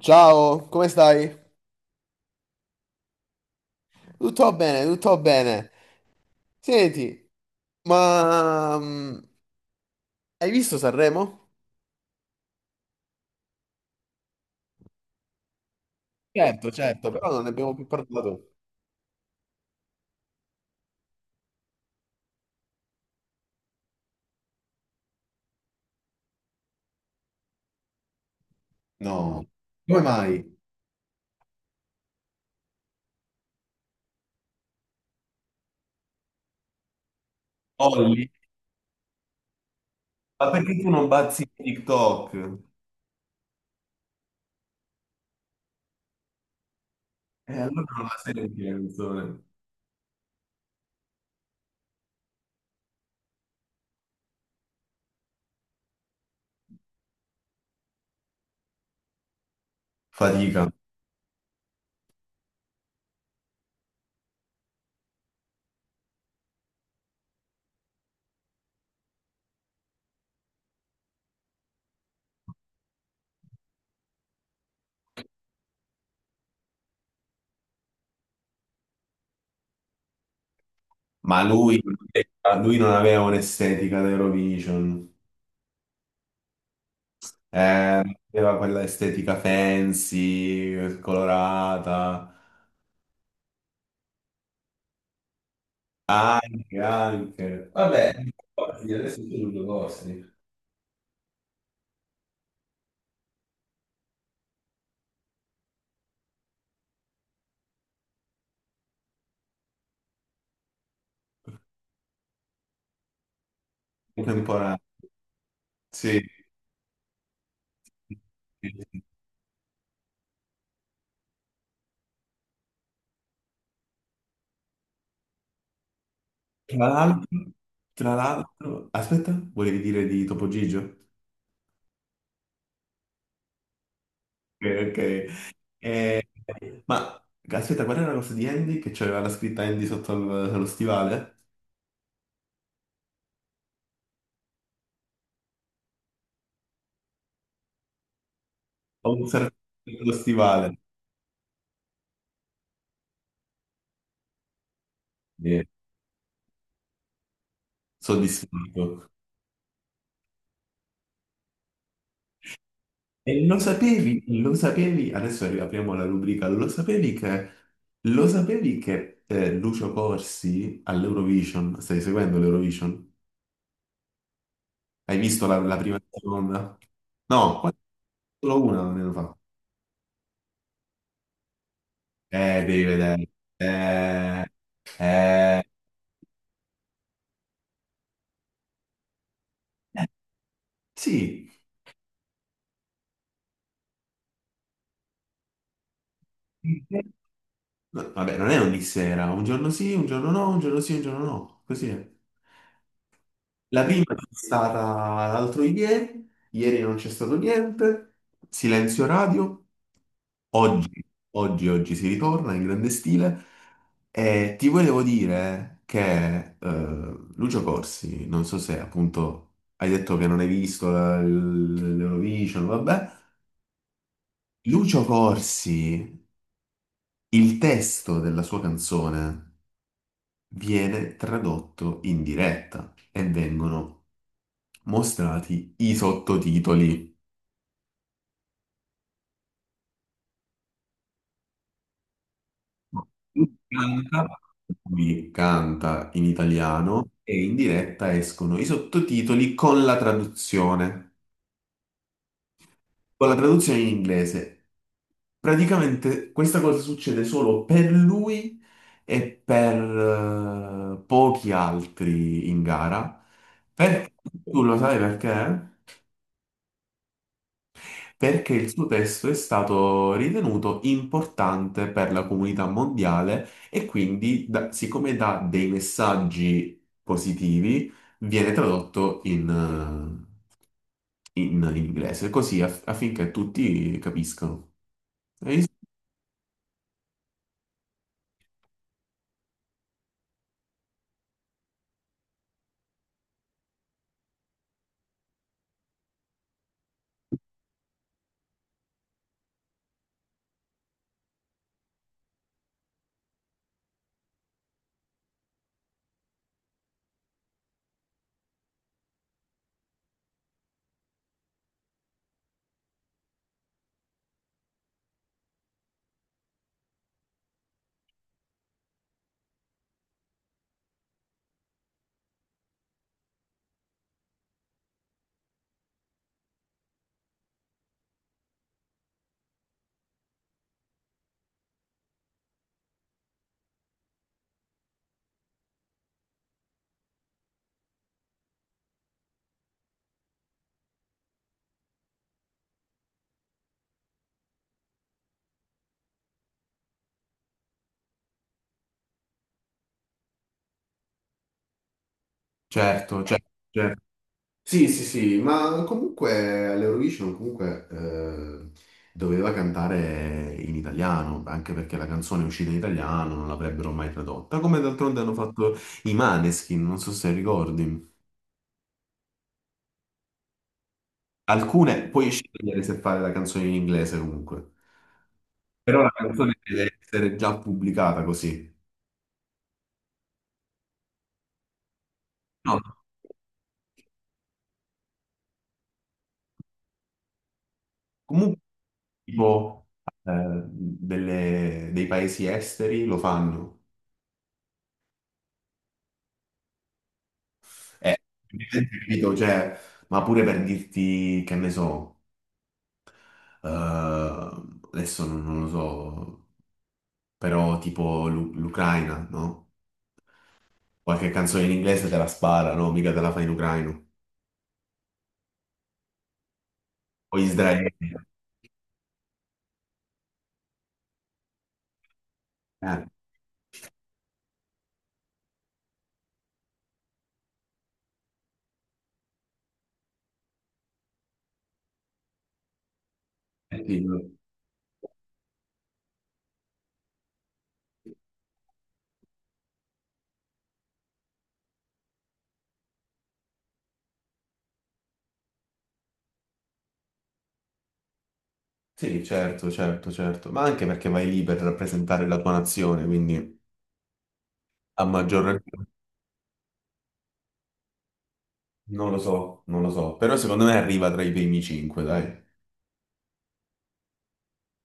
Ciao, come stai? Tutto bene, tutto bene. Senti, ma hai visto Sanremo? Certo, certo. Però non ne abbiamo più parlato. No, come mai? Olli, ma perché tu non bazzi in TikTok? E allora non la senti la canzone. Fatica. Ma lui non aveva un'estetica da Eurovision. Eh, aveva quella estetica fancy, colorata. Anche, anche. Vabbè, ricordi, adesso sono due vostri. Contemporanei. Sì. Tra l'altro, tra l'altro, aspetta, volevi dire di Topo Gigio? Ok. Ok. Eh, ma aspetta, qual era la cosa di Andy che c'aveva la scritta Andy allo stivale? Ho un serpente allo stivale. Sì. Soddisfatto. E lo sapevi, adesso apriamo la rubrica, lo sapevi che Lucio Corsi all'Eurovision, stai seguendo l'Eurovision? Hai visto la, la prima e la seconda? No, qua solo una non ne hanno fatto. Devi vedere. Eh, eh, sì. No, vabbè, non è ogni sera, un giorno sì, un giorno no, un giorno sì, un giorno no, così è. La prima è stata l'altro ieri, ieri non c'è stato niente, silenzio radio. Oggi, oggi si ritorna in grande stile e ti volevo dire che Lucio Corsi, non so se appunto hai detto che non hai visto l'Eurovision, vabbè. Lucio Corsi, il testo della sua canzone viene tradotto in diretta e vengono mostrati i sottotitoli. Lui canta, lui canta in italiano e in diretta escono i sottotitoli con la traduzione in inglese. Praticamente questa cosa succede solo per lui e per pochi altri in gara. Perché tu lo sai perché? Perché il suo testo è stato ritenuto importante per la comunità mondiale e quindi, siccome dà dei messaggi positivi, viene tradotto in, in inglese, così affinché tutti capiscano. E io- certo, eh, certo, certo. Sì, sì, sì, ma comunque all'Eurovision comunque doveva cantare in italiano, anche perché la canzone è uscita in italiano, non l'avrebbero mai tradotta, come d'altronde hanno fatto i Maneskin, non so se ricordi. Alcune, puoi scegliere se fare la canzone in inglese comunque, però la canzone deve essere già pubblicata così. No, comunque tipo eh, dei paesi esteri lo fanno. Eh, capito, cioè, ma pure per dirti che ne so, eh, adesso non lo so, però tipo l'Ucraina, no? Qualche canzone in inglese te la spara, no? Mica te la fa in ucraino. O Israele. Eh, eh sì, no. Sì, certo, certo, certo, ma anche perché vai lì per rappresentare la tua nazione, quindi... A maggior ragione, non lo so, non lo so, però secondo me arriva tra i primi 5, dai.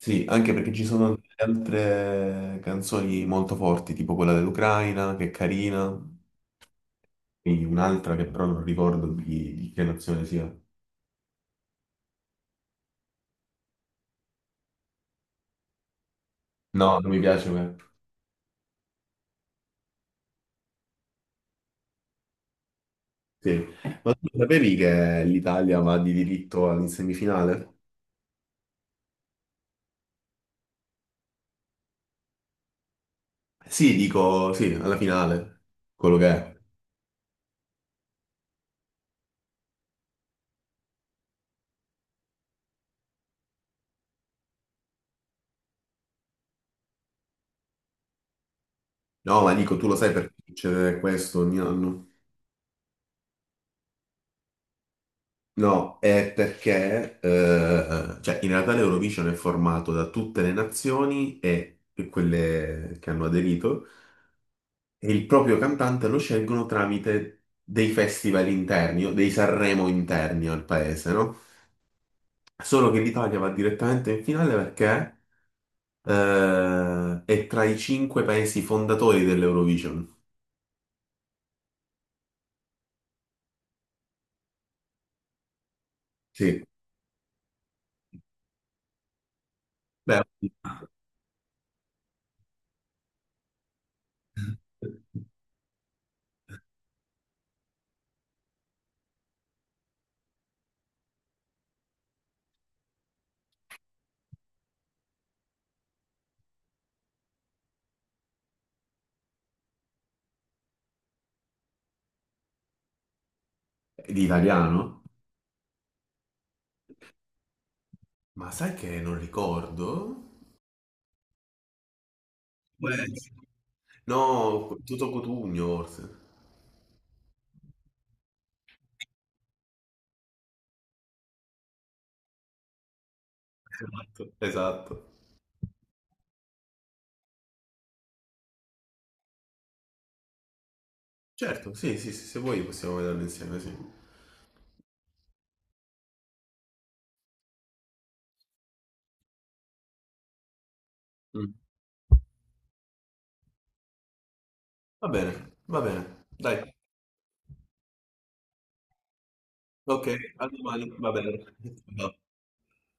Sì, anche perché ci sono delle altre canzoni molto forti, tipo quella dell'Ucraina, che è carina, e un'altra che però non ricordo di che nazione sia. No, non mi piace. Ma... sì. Ma tu sapevi che l'Italia va di diritto in semifinale? Sì, dico, sì, alla finale, quello che è. No, ma dico, tu lo sai perché succede questo ogni anno? No, è perché in realtà l'Eurovision è formato da tutte le nazioni e quelle che hanno aderito e il proprio cantante lo scelgono tramite dei festival interni o dei Sanremo interni al paese, no? Solo che l'Italia va direttamente in finale perché è tra i 5 paesi fondatori dell'Eurovision. Sì. Beh, di italiano? Ma sai che non ricordo? Può essere. No, tutto Cotugno forse. Esatto. Esatto. Certo, sì, sì, sì, se vuoi possiamo vederlo insieme, sì. Mm. Va bene, va bene. Dai, ok, a domani, va bene. Ciao.